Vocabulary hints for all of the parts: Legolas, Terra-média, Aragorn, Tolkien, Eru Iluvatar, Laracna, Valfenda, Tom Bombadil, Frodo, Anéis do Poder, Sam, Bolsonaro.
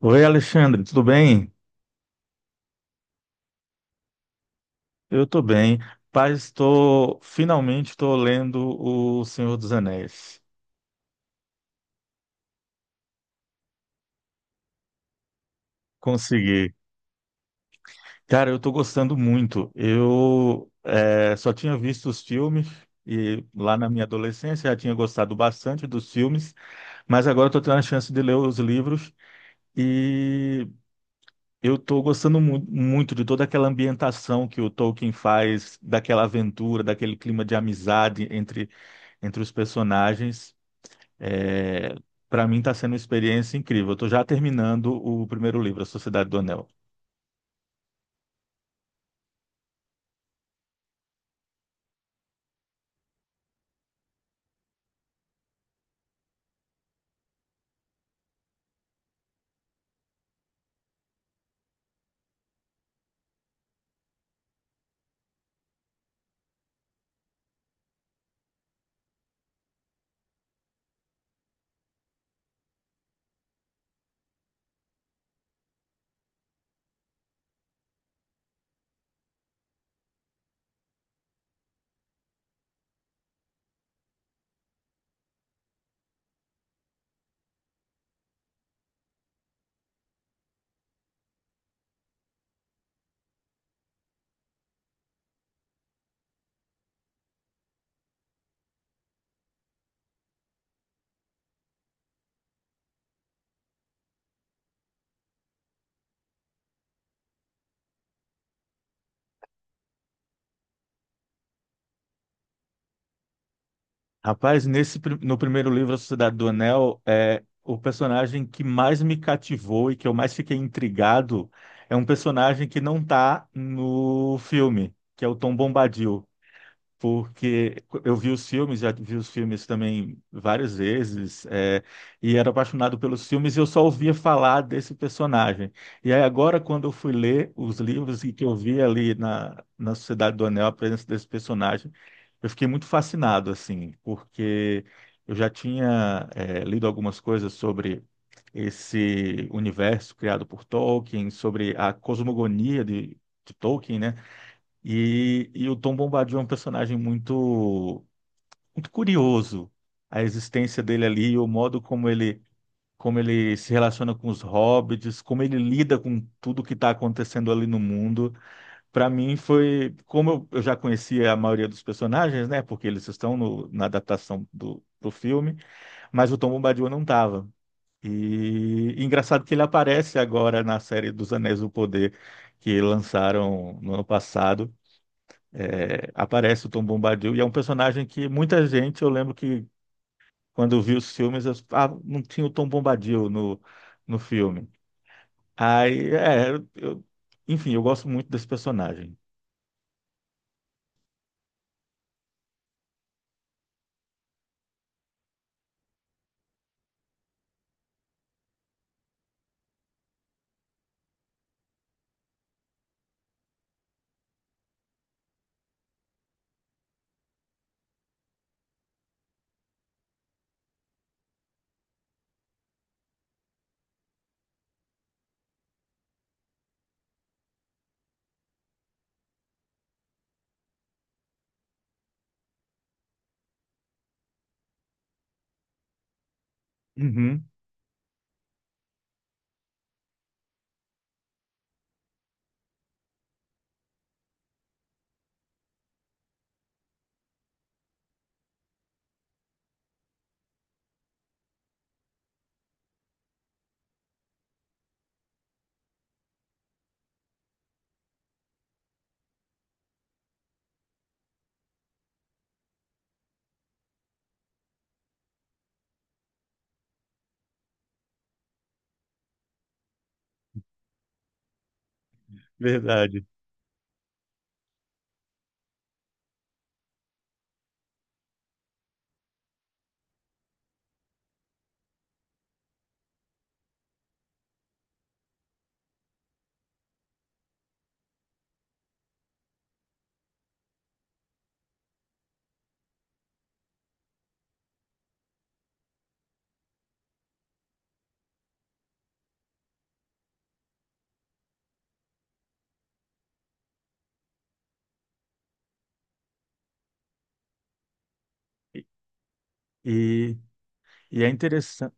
Oi, Alexandre, tudo bem? Eu estou bem. Paz, estou finalmente estou lendo O Senhor dos Anéis. Consegui. Cara, eu estou gostando muito. Eu só tinha visto os filmes e lá na minha adolescência já tinha gostado bastante dos filmes, mas agora estou tendo a chance de ler os livros e eu estou gostando muito de toda aquela ambientação que o Tolkien faz, daquela aventura, daquele clima de amizade entre os personagens. É, Para mim está sendo uma experiência incrível. Eu estou já terminando o primeiro livro, A Sociedade do Anel. Rapaz, no primeiro livro, A Sociedade do Anel, é o personagem que mais me cativou e que eu mais fiquei intrigado é um personagem que não está no filme, que é o Tom Bombadil. Porque eu vi os filmes, já vi os filmes também várias vezes, e era apaixonado pelos filmes e eu só ouvia falar desse personagem. E aí agora, quando eu fui ler os livros e que eu vi ali na Sociedade do Anel a presença desse personagem, eu fiquei muito fascinado, assim, porque eu já tinha, lido algumas coisas sobre esse universo criado por Tolkien, sobre a cosmogonia de Tolkien, né? E o Tom Bombadil é um personagem muito curioso. A existência dele ali, o modo como ele se relaciona com os hobbits, como ele lida com tudo que está acontecendo ali no mundo. Para mim foi, como eu já conhecia a maioria dos personagens, né? Porque eles estão na adaptação do filme, mas o Tom Bombadil não estava. E engraçado que ele aparece agora na série dos Anéis do Poder que lançaram no ano passado, aparece o Tom Bombadil e é um personagem que muita gente, eu lembro que quando vi os filmes, eu, ah, não tinha o Tom Bombadil no filme. Aí, é, eu, enfim, eu gosto muito desse personagem. Uhum, verdade. E, e e é interessante.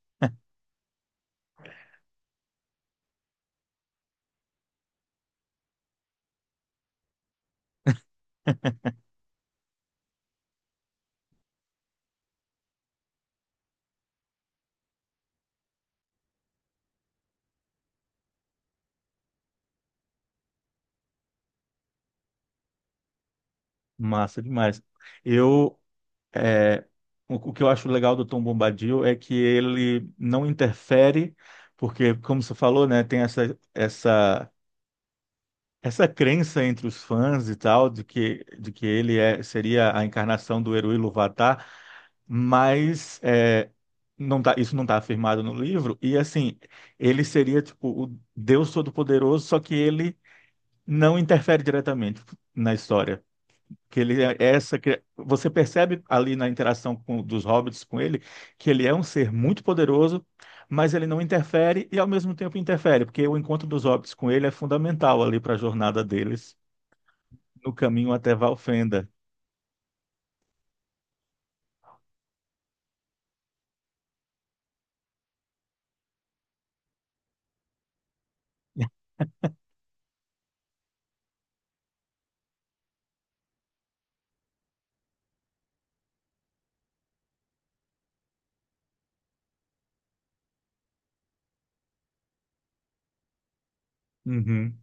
Massa demais. Eu, é, o que eu acho legal do Tom Bombadil é que ele não interfere, porque, como você falou, né, tem essa essa crença entre os fãs e tal, de de que ele é, seria a encarnação do Eru Iluvatar, mas não tá, isso não está afirmado no livro, e assim, ele seria tipo o Deus Todo-Poderoso, só que ele não interfere diretamente na história. Que ele é essa, você percebe ali na interação com, dos hobbits com ele que ele é um ser muito poderoso, mas ele não interfere e ao mesmo tempo interfere, porque o encontro dos hobbits com ele é fundamental ali para a jornada deles no caminho até Valfenda. Uhum,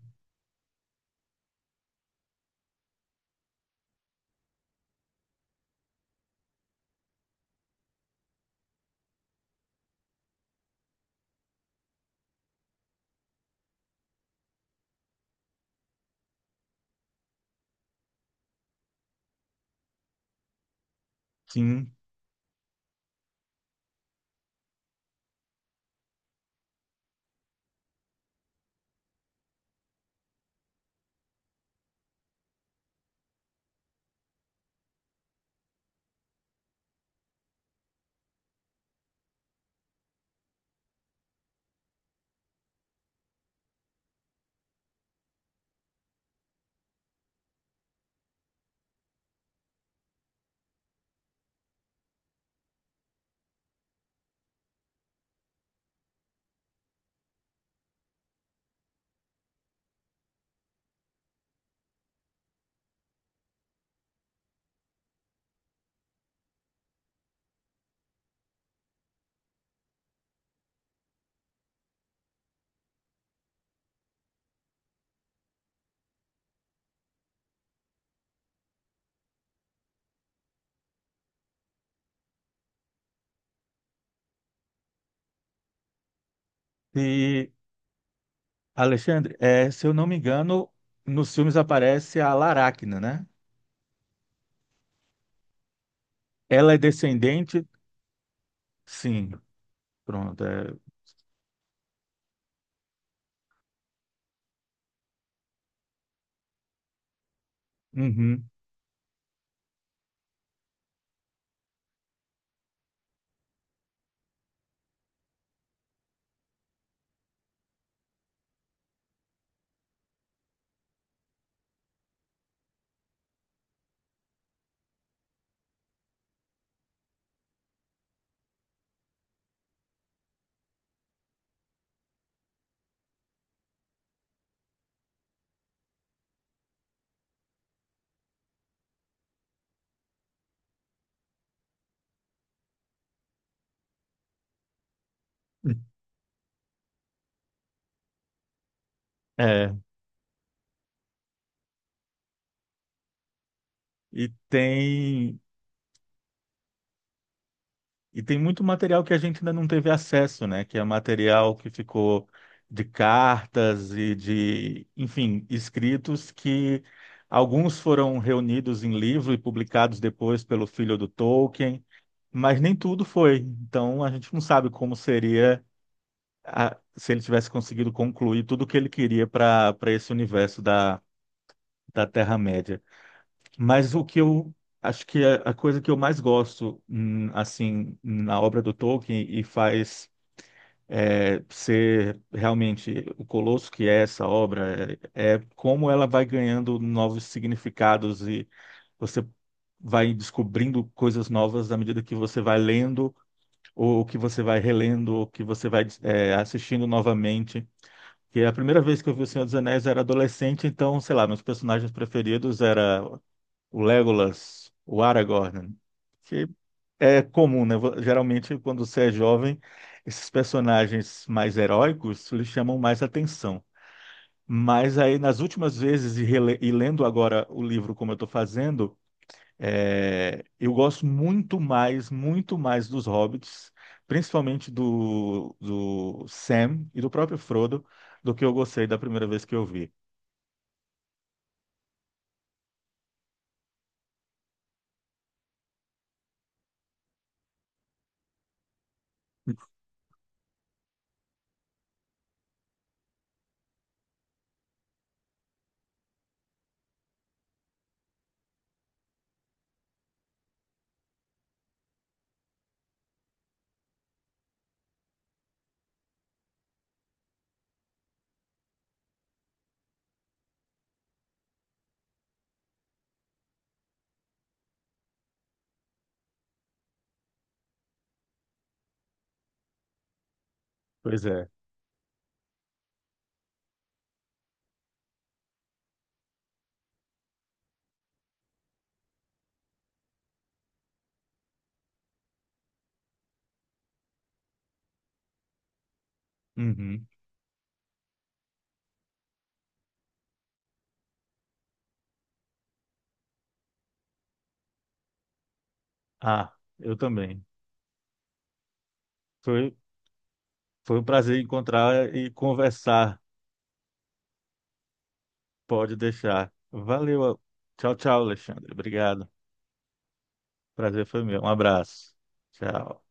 sim. E, Alexandre, se eu não me engano, nos filmes aparece a Laracna, né? Ela é descendente? Sim. Pronto. É, uhum. É. E tem, e tem muito material que a gente ainda não teve acesso, né? Que é material que ficou de cartas enfim, escritos que alguns foram reunidos em livro e publicados depois pelo filho do Tolkien. Mas nem tudo foi. Então a gente não sabe como seria se ele tivesse conseguido concluir tudo o que ele queria para para esse universo da Terra-média. Mas o que eu acho que é a coisa que eu mais gosto assim na obra do Tolkien e faz ser realmente o colosso que é essa obra é, é como ela vai ganhando novos significados e você vai descobrindo coisas novas à medida que você vai lendo ou que você vai relendo, ou que você vai assistindo novamente. Que a primeira vez que eu vi O Senhor dos Anéis eu era adolescente, então, sei lá, meus personagens preferidos era o Legolas, o Aragorn, que é comum, né? Geralmente, quando você é jovem, esses personagens mais heróicos lhe chamam mais atenção. Mas aí, nas últimas vezes, e lendo agora o livro como eu estou fazendo, eu gosto muito mais dos Hobbits, principalmente do Sam e do próprio Frodo, do que eu gostei da primeira vez que eu vi. Pois é. Uhum. Ah, eu também. Foi, foi um prazer encontrar e conversar. Pode deixar. Valeu. Tchau, tchau, Alexandre. Obrigado. Prazer foi meu. Um abraço. Tchau.